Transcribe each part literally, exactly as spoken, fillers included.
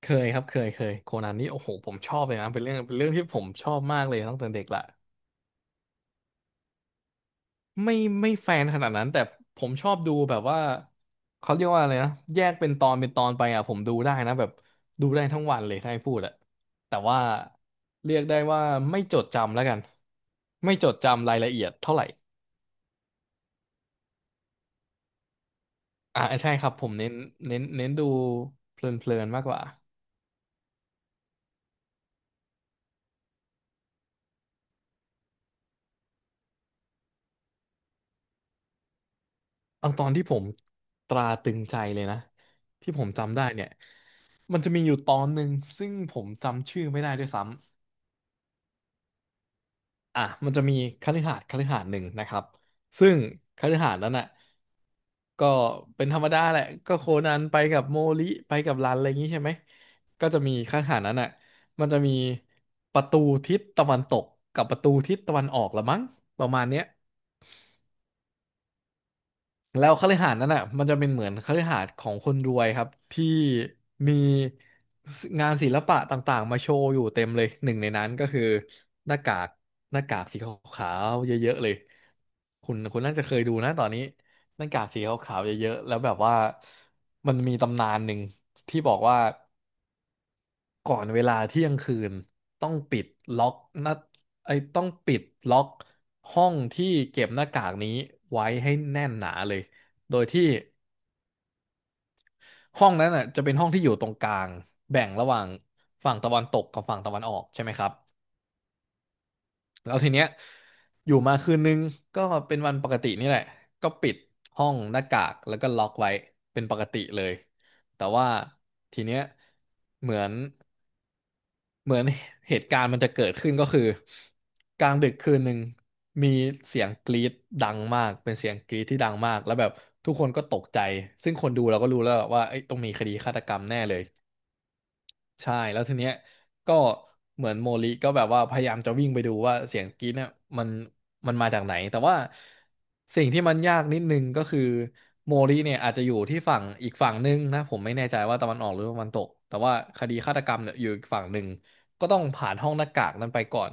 เคยครับเคยเคยโคนันนี่โอ้โหผมชอบเลยนะเป็นเรื่องเป็นเรื่องที่ผมชอบมากเลยตั้งแต่เด็กละไม่ไม่แฟนขนาดนั้นแต่ผมชอบดูแบบว่าเขาเรียกว่าอะไรนะแยกเป็นตอนเป็นตอนไปอ่ะผมดูได้นะแบบดูได้ทั้งวันเลยถ้าให้พูดอะแต่ว่าเรียกได้ว่าไม่จดจำแล้วกันไม่จดจำรายละเอียดเท่าไหร่อ่าใช่ครับผมเน้นเน้นเน้นดูเพลินเพลินมากกว่าเอาตอนที่ผมตราตรึงใจเลยนะที่ผมจำได้เนี่ย มันจะมีอยู่ตอนหนึ่งซึ่งผมจำชื่อไม่ได้ด้วยซ้ำอ่ะมันจะมีคฤหาสน์คฤหาสน์หนึ่งนะครับ ซึ่งคฤหาสน์นั้นน่ะก็เป็นธรรมดาแหละก็โคนันไปกับโมริไปกับรันอะไรอย่างนี้ใช่ไหมก็จะมีคฤหาสน์นั้นน่ะมันจะมีประตูทิศตะวันตกกับประตูทิศตะวันออกละมั้งประมาณเนี้ย แล้วคฤหาสน์นั้นอ่ะมันจะเป็นเหมือนคฤหาสน์ของคนรวยครับที่มีงานศิลปะต่างๆมาโชว์อยู่เต็มเลยหนึ่งในนั้นก็คือหน้ากากหน้ากากสีขาวๆเยอะๆเลยคุณคุณน่าจะเคยดูนะตอนนี้หน้ากากสีขาวๆเยอะๆแล้วแบบว่ามันมีตำนานหนึ่งที่บอกว่าก่อนเวลาเที่ยงคืนต้องปิดล็อกหน้าไอ้ต้องปิดล็อกห้องที่เก็บหน้ากากนี้ไว้ให้แน่นหนาเลยโดยที่ ห้องนั้นอ่ะจะเป็นห้องที่อยู่ตรงกลางแบ่งระหว่างฝั่งตะวันตกกับฝั่งตะวันออกใช่ไหมครับแล้วทีเนี้ยอยู่มาคืนนึงก็เป็นวันปกตินี่แหละก็ปิดห้องหน้ากากแล้วก็ล็อกไว้เป็นปกติเลยแต่ว่าทีเนี้ยเหมือนเหมือนเหตุการณ์มันจะเกิดขึ้นก็คือกลางดึกคืนหนึ่งมีเสียงกรีดดังมากเป็นเสียงกรีดที่ดังมากแล้วแบบทุกคนก็ตกใจซึ่งคนดูเราก็รู้แล้วว่าเอ้ยต้องมีคดีฆาตกรรมแน่เลย ใช่แล้วทีเนี้ยก็เหมือนโมลิก็แบบว่าพยายามจะวิ่งไปดูว่าเสียงกรี๊ดเนี่ยมันมันมาจากไหนแต่ว่าสิ่งที่มันยากนิดนึงก็คือโมลิเนี่ยอาจจะอยู่ที่ฝั่งอีกฝั่งนึงนะผมไม่แน่ใจว่าตะวันออกหรือตะวันตกแต่ว่าคดีฆาตกรรมเนี่ยอยู่อีกฝั่งหนึ่งก็ต้องผ่านห้องหน้ากากนั้นไปก่อน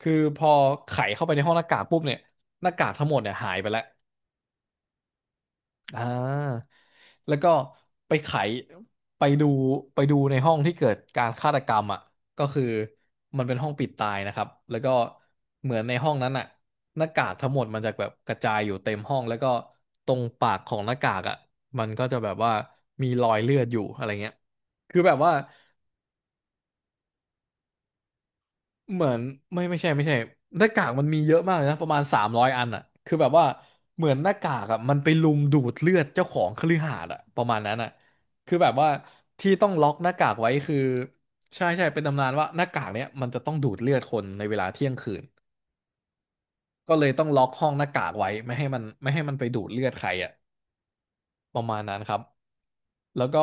คือพอไขเข้าไปในห้องหน้ากากปุ๊บเนี่ยหน้ากากทั้งหมดเนี่ยหายไปแล้ว อ่าแล้วก็ไปไขไปดูไปดูในห้องที่เกิดการฆาตกรรมอ่ะก็คือมันเป็นห้องปิดตายนะครับแล้วก็เหมือนในห้องนั้นอ่ะหน้ากากทั้งหมดมันจะแบบกระจายอยู่เต็มห้องแล้วก็ตรงปากของหน้ากากอ่ะมันก็จะแบบว่ามีรอยเลือดอยู่อะไรเงี้ยคือแบบว่า เหมือนไม่ไม่ใช่ไม่ใช่หน้ากากมันมีเยอะมากเลยนะประมาณสามร้อยอันอ่ะคือแบบว่าเหมือนหน้ากากอ่ะมันไปลุมดูดเลือดเจ้าของคฤหาสน์อ่ะประมาณนั้นอ่ะคือแบบว่าที่ต้องล็อกหน้ากากไว้คือใช่ใช่เป็นตำนานว่าหน้ากากเนี้ยมันจะต้องดูดเลือดคนในเวลาเที่ยงคืนก็เลยต้องล็อกห้องหน้ากากไว้ไม่ให้มันไม่ให้มันไปดูดเลือดใครอ่ะประมาณนั้นครับแล้วก็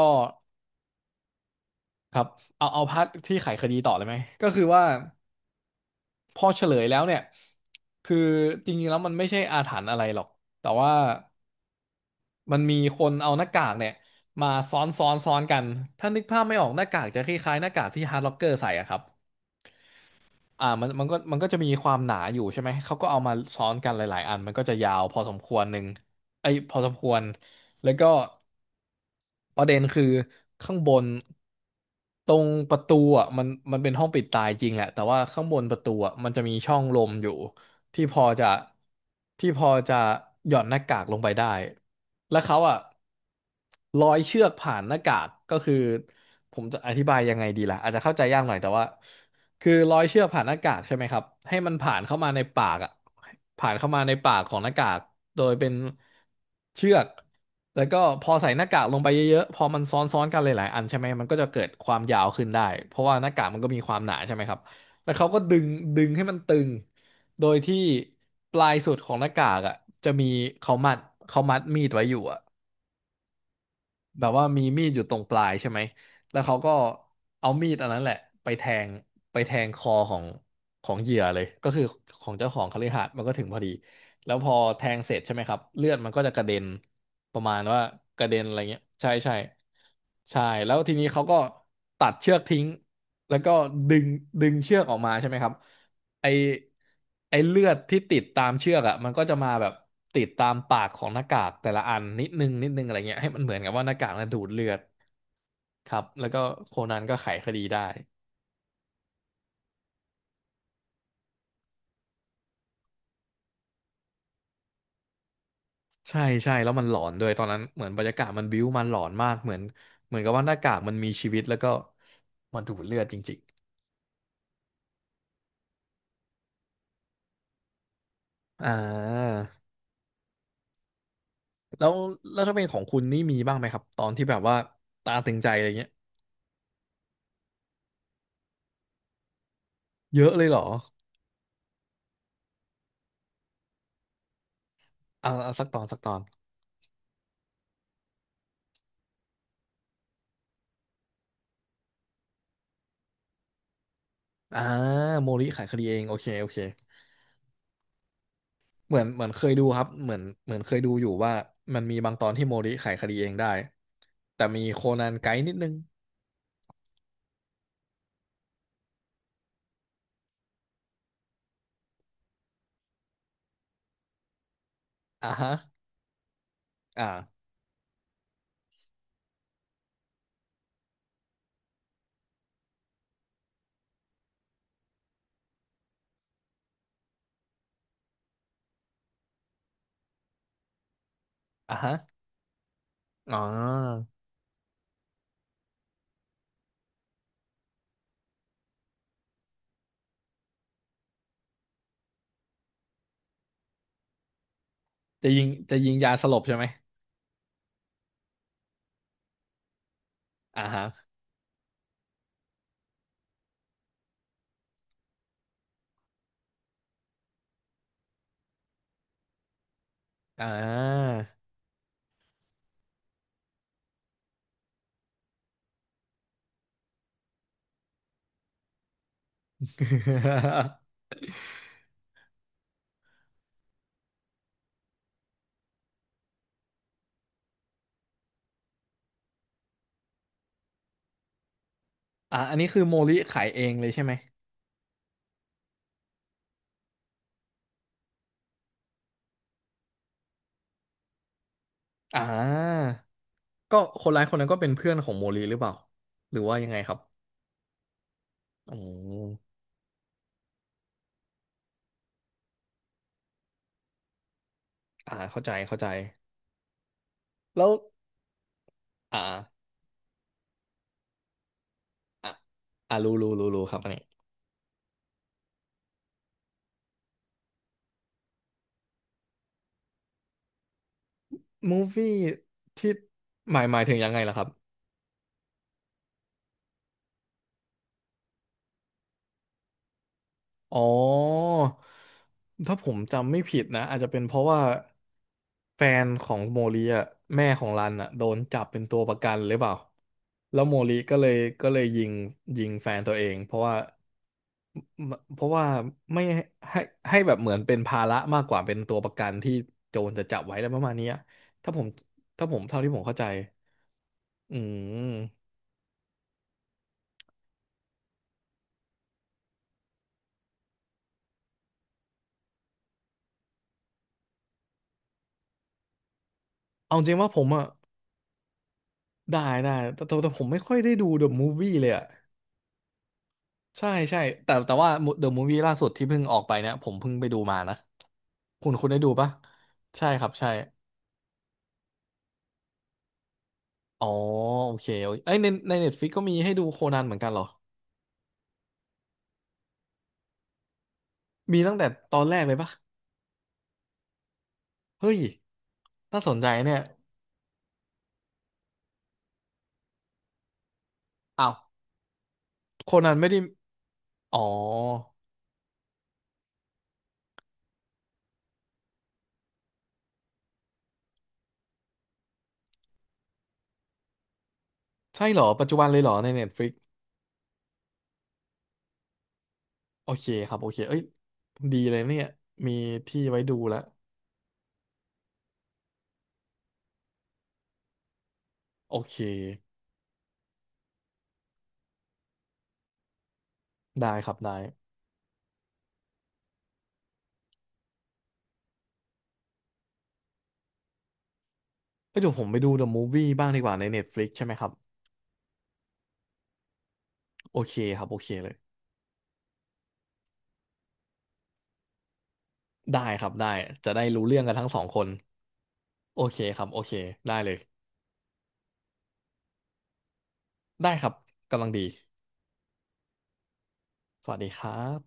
ครับเอาเอาพาร์ทที่ไขคดีต่อเลยไหมก็คือว่า พอเฉลยแล้วเนี่ย คือจริงๆแล้วมันไม่ใช่อาถรรพ์อะไรหรอก แต่ว่ามันมีคนเอาหน้ากากเนี่ยมาซ้อนซ้อนซ้อนกัน ถ้านึกภาพไม่ออกหน้ากากจะคล้ายๆหน้ากากที่ฮาร์ดล็อกเกอร์ใส่อะครับ อ่ามันมันก็มันก็จะมีความหนาอยู่ใช่ไหมเขาก็เอามาซ้อนกันหลายๆอันมันก็จะยาวพอสมควรหนึ่งไอ้ยพอสมควรแล้วก็ประเด็นคือข้างบนตรงประตูอ่ะมันมันเป็นห้องปิดตายจริงแหละแต่ว่าข้างบนประตูอ่ะมันจะมีช่องลมอยู่ที่พอจะที่พอจะหย่อนหน้ากากลงไปได้แล้วเขาอ่ะร้อยเชือกผ่านหน้ากากก็คือผมจะอธิบายยังไงดีล่ะอาจจะเข้าใจยากหน่อยแต่ว่า คือร้อยเชือกผ่านหน้ากากใช่ไหมครับให้มันผ่านเข้ามาในปากอ่ะผ่านเข้ามาในปากของหน้ากากโดยเป็นเชือกแล้วก็พอใส่หน้ากากลงไปเยอะๆพอมันซ้อนๆกันหลายๆอันใช่ไหมมันก็จะเกิดความยาวขึ้นได้เพราะว่าหน้ากากมันก็มีความหนาใช่ไหมครับแล้วเขาก็ดึงดึงให้มันตึงโดยที่ปลายสุดของหน้ากากอ่ะจะมีเขามัดเขามัดมีดไว้อยู่อ่ะ แบบว่ามีมีดอยู่ตรงปลายใช่ไหมแล้วเขาก็เอามีดอันนั้นแหละไปแทงไปแทงคอของของเหยื่อเลยก็คือของเจ้าของคฤหาสน์มันก็ถึงพอดีแล้วพอแทงเสร็จใช่ไหมครับเลือดมันก็จะกระเด็นประมาณว่ากระเด็นอะไรเงี้ยใช่ใช่ใช่แล้วทีนี้เขาก็ตัดเชือกทิ้งแล้วก็ดึงดึงเชือกออกมาใช่ไหมครับ ไอไอเลือดที่ติดตามเชือกอ่ะมันก็จะมาแบบติดตามปากของหน้ากากแต่ละอันนิดนึงนิดนึงอะไรเงี้ยให้มันเหมือนกับว่าหน้ากากน่ะดูดเลือดครับแล้วก็โคนันก็ไขคดีได้ใช่ใช่แล้วมันหลอนด้วยตอนนั้นเหมือนบรรยากาศมันบิ้วมันหลอนมากเหมือนเหมือนกับว่าหน้ากากมันมีชีวิตแล้วก็มนดูดเลือดจริงๆอ่าแล้วแล้วถ้าเป็นของคุณนี่มีบ้างไหมครับตอนที่แบบว่าตาตึงใจอะไรเงี้ยเยอะเลยเหรออ่าเอาสักตอนสักตอนอ่าโมริขายคดีเองโอเคโอเค เหมือนเหมือนเคยดูครับเหมือนเหมือนเคยดูอยู่ว่ามันมีบางตอนที่โมริไขคดีเองได้แต่มีโคนันไกด์นิดนึงอ่าฮะอ่าอ่าฮะอ๋อจะยิงจะยิงยาสลบใช่ไหมอ่าฮะอ่า อ่าอันนี้คือโมริไขเองเลยใช่ไหมอ่าก็คนร้ายคนนั้นก็เป็นเพื่อนของโมริหรือเปล่าหรือว่ายังไงครับอ๋ออ่าเข้าใจเข้าใจแล้วอ่าอ่ะอ่ารู้รู้รู้รู้ครับอันนี้ มูฟวี่ที่หมายหมายถึงยังไงล่ะครับ อ๋อ ถ้าผมจำไม่ผิดนะอาจจะเป็นเพราะว่าแฟนของโมลีอ่ะแม่ของรันอ่ะโดนจับเป็นตัวประกันหรือเปล่า แล้วโมลีก็เลยก็เลยยิงยิงแฟนตัวเองเพราะว่าเพราะว่าไม่ให้ให้แบบเหมือนเป็นภาระมากกว่าเป็นตัวประกันที่โจรจะจับไว้แล้วประมาณเนี้ยถ้าผมถ้าผมเท่าที่ผมเข้าใจอืมเอาจริงว่าผมอ่ะ ได้ได้แต่แต่แต่ผมไม่ค่อยได้ดู The Movie เลยอ่ะใช่ใช่แต่แต่ว่า The Movie ล่าสุดที่เพิ่งออกไปเนี่ยผมเพิ่งไปดูมานะคุณคุณได้ดูปะใช่ครับใช่อ๋อโอเคโอเคเอ้ยในใน Netflix ก็มีให้ดูโคนันเหมือนกันเหรอมีตั้งแต่ตอนแรกเลยปะเฮ้ยน่าสนใจเนี่ยอ้าวโคนันไม่ได้อ๋อใช่เหรอปัจจุบันเลยเหรอใน Netflix โอเคครับโอเคเอ้ยดีเลยเนี่ยมีที่ไว้ดูแล้วโอเคได้ครับได้ เอ้ยเดี๋ยวผมไปดู The Movie บ้างดีกว่าใน Netflix ใช่ไหมครับโอเคครับโอเคเลยได้ครับได้จะได้รู้เรื่องกันทั้งสองคนโอเคครับโอเคได้เลยได้ครับกำลังดีสวัสดีครับ